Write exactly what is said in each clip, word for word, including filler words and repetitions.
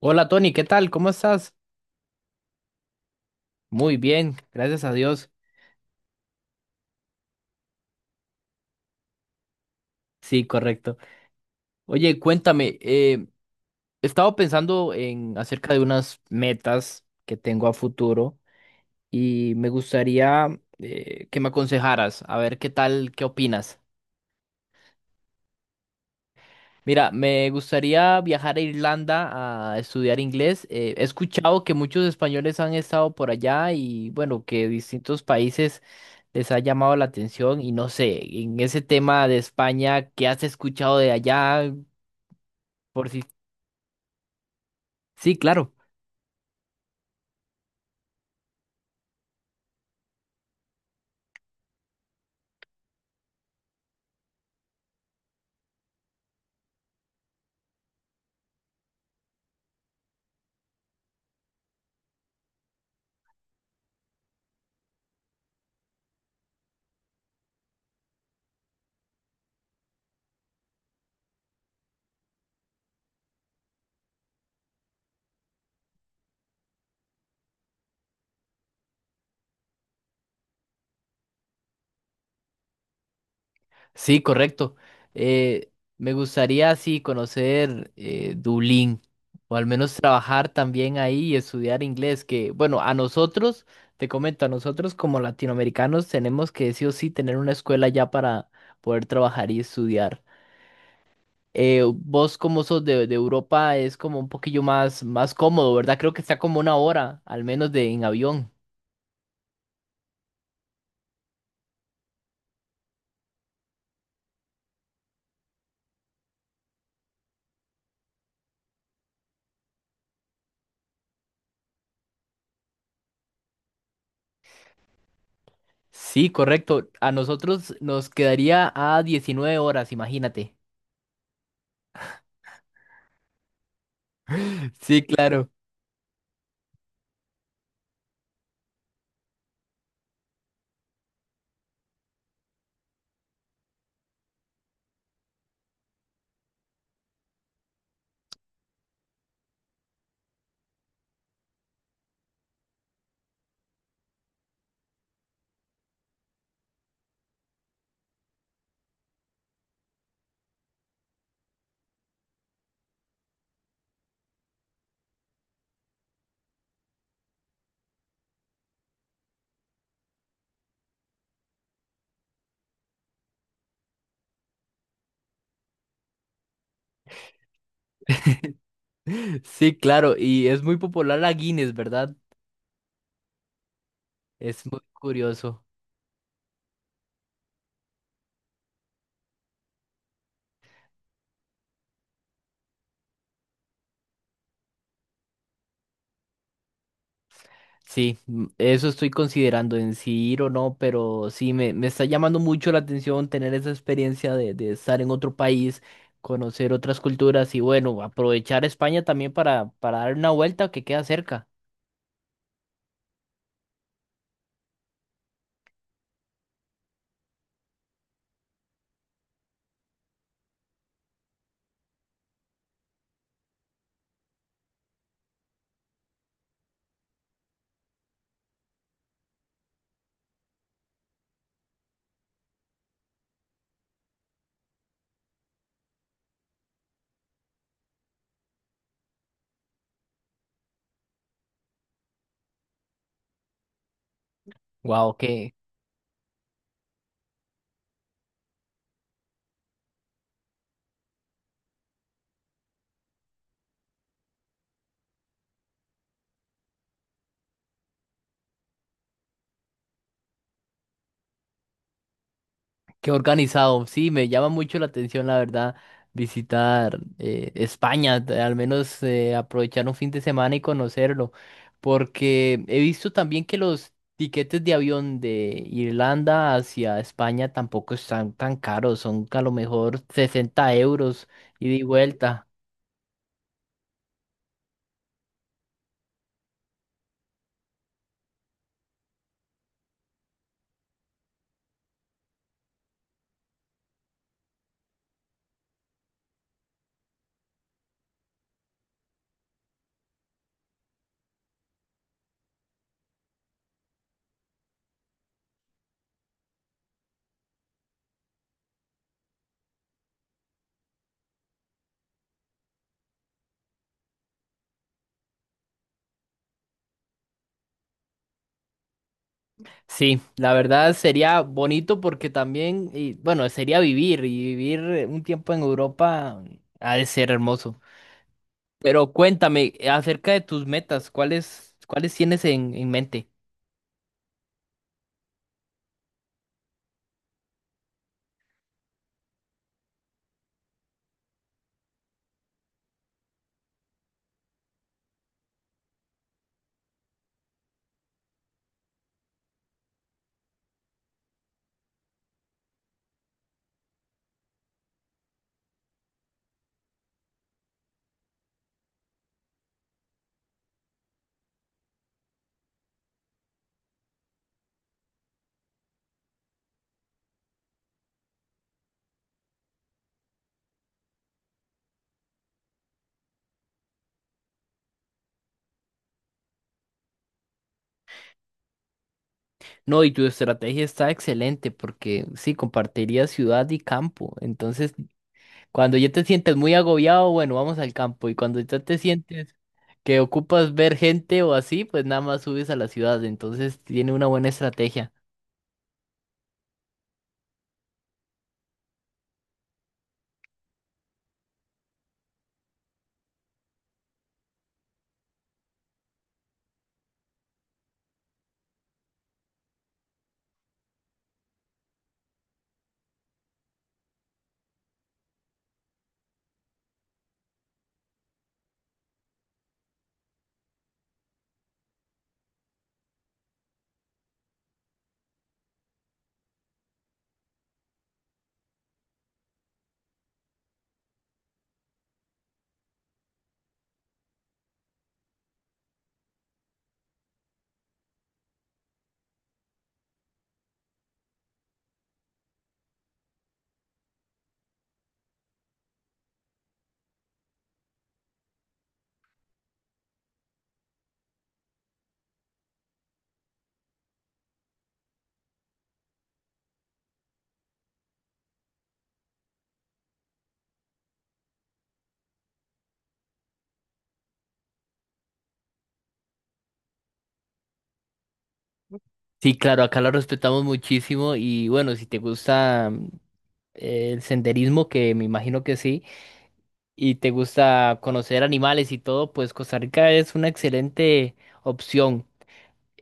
Hola Tony, ¿qué tal? ¿Cómo estás? Muy bien, gracias a Dios. Sí, correcto. Oye, cuéntame, eh, he estado pensando en acerca de unas metas que tengo a futuro y me gustaría eh, que me aconsejaras, a ver qué tal, qué opinas. Mira, me gustaría viajar a Irlanda a estudiar inglés. Eh, he escuchado que muchos españoles han estado por allá y bueno, que distintos países les ha llamado la atención y no sé, en ese tema de España, ¿qué has escuchado de allá? Por si... Sí, claro. Sí, correcto. Eh, Me gustaría, sí, conocer eh, Dublín, o al menos trabajar también ahí y estudiar inglés, que, bueno, a nosotros, te comento, a nosotros como latinoamericanos tenemos que sí o sí tener una escuela ya para poder trabajar y estudiar. Eh, vos como sos de, de Europa es como un poquillo más, más cómodo, ¿verdad? Creo que está como una hora, al menos de en avión. Sí, correcto. A nosotros nos quedaría a diecinueve horas, imagínate. Sí, claro. Sí, claro, y es muy popular la Guinness, ¿verdad? Es muy curioso. Sí, mm, eso estoy considerando en si ir o no, pero sí, me, me está llamando mucho la atención tener esa experiencia de, de estar en otro país, conocer otras culturas y bueno, aprovechar España también para, para dar una vuelta que queda cerca. Wow, qué organizado, sí, me llama mucho la atención, la verdad, visitar eh, España, t- al menos eh, aprovechar un fin de semana y conocerlo, porque he visto también que los tiquetes de avión de Irlanda hacia España tampoco están tan caros, son a lo mejor sesenta euros ida y vuelta. Sí, la verdad sería bonito porque también, y, bueno, sería vivir y vivir eh, un tiempo en Europa ha de ser hermoso. Pero cuéntame eh, acerca de tus metas, ¿cuáles, cuáles tienes en, en mente? No, y tu estrategia está excelente porque sí, compartiría ciudad y campo. Entonces, cuando ya te sientes muy agobiado, bueno, vamos al campo. Y cuando ya te sientes que ocupas ver gente o así, pues nada más subes a la ciudad. Entonces, tiene una buena estrategia. Sí, claro, acá lo respetamos muchísimo y bueno, si te gusta mm, el senderismo, que me imagino que sí. Y te gusta conocer animales y todo, pues Costa Rica es una excelente opción.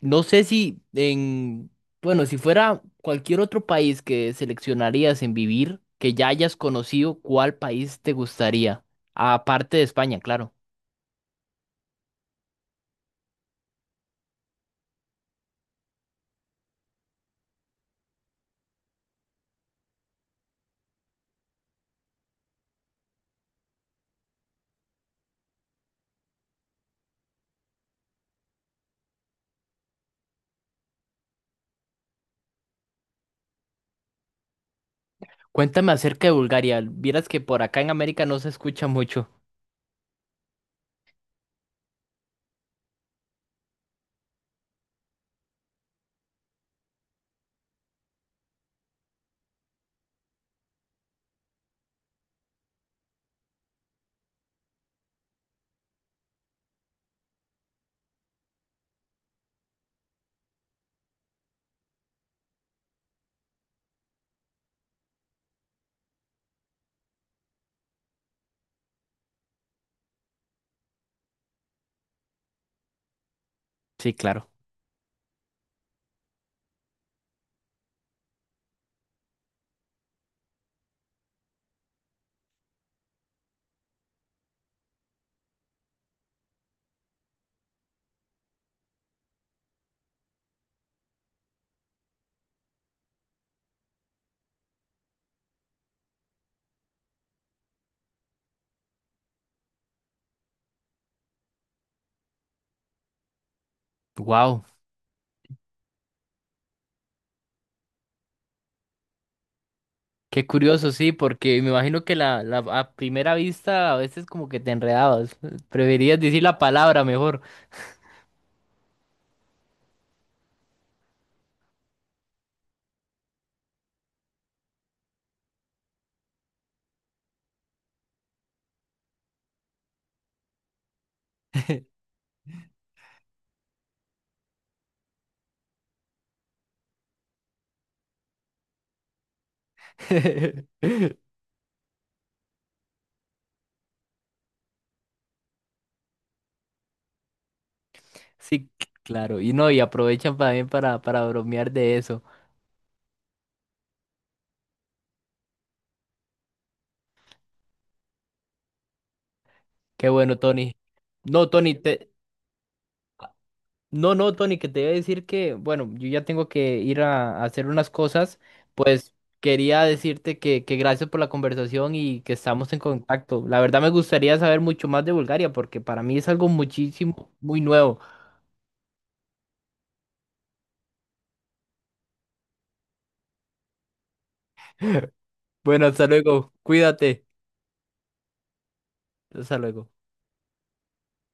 No sé si en, bueno, si fuera cualquier otro país que seleccionarías en vivir, que ya hayas conocido, ¿cuál país te gustaría? Aparte de España, claro. Cuéntame acerca de Bulgaria. Vieras que por acá en América no se escucha mucho. Sí, claro. Wow. Qué curioso, sí, porque me imagino que la, la a primera vista a veces como que te enredabas. Preferías decir la palabra mejor. Sí, claro. Y no, y aprovechan también para, para bromear de eso. Qué bueno, Tony. No, Tony, te... No, no, Tony, que te iba a decir que, bueno, yo ya tengo que ir a, a hacer unas cosas. Pues quería decirte que, que gracias por la conversación y que estamos en contacto. La verdad me gustaría saber mucho más de Bulgaria porque para mí es algo muchísimo, muy nuevo. Bueno, hasta luego. Cuídate. Hasta luego.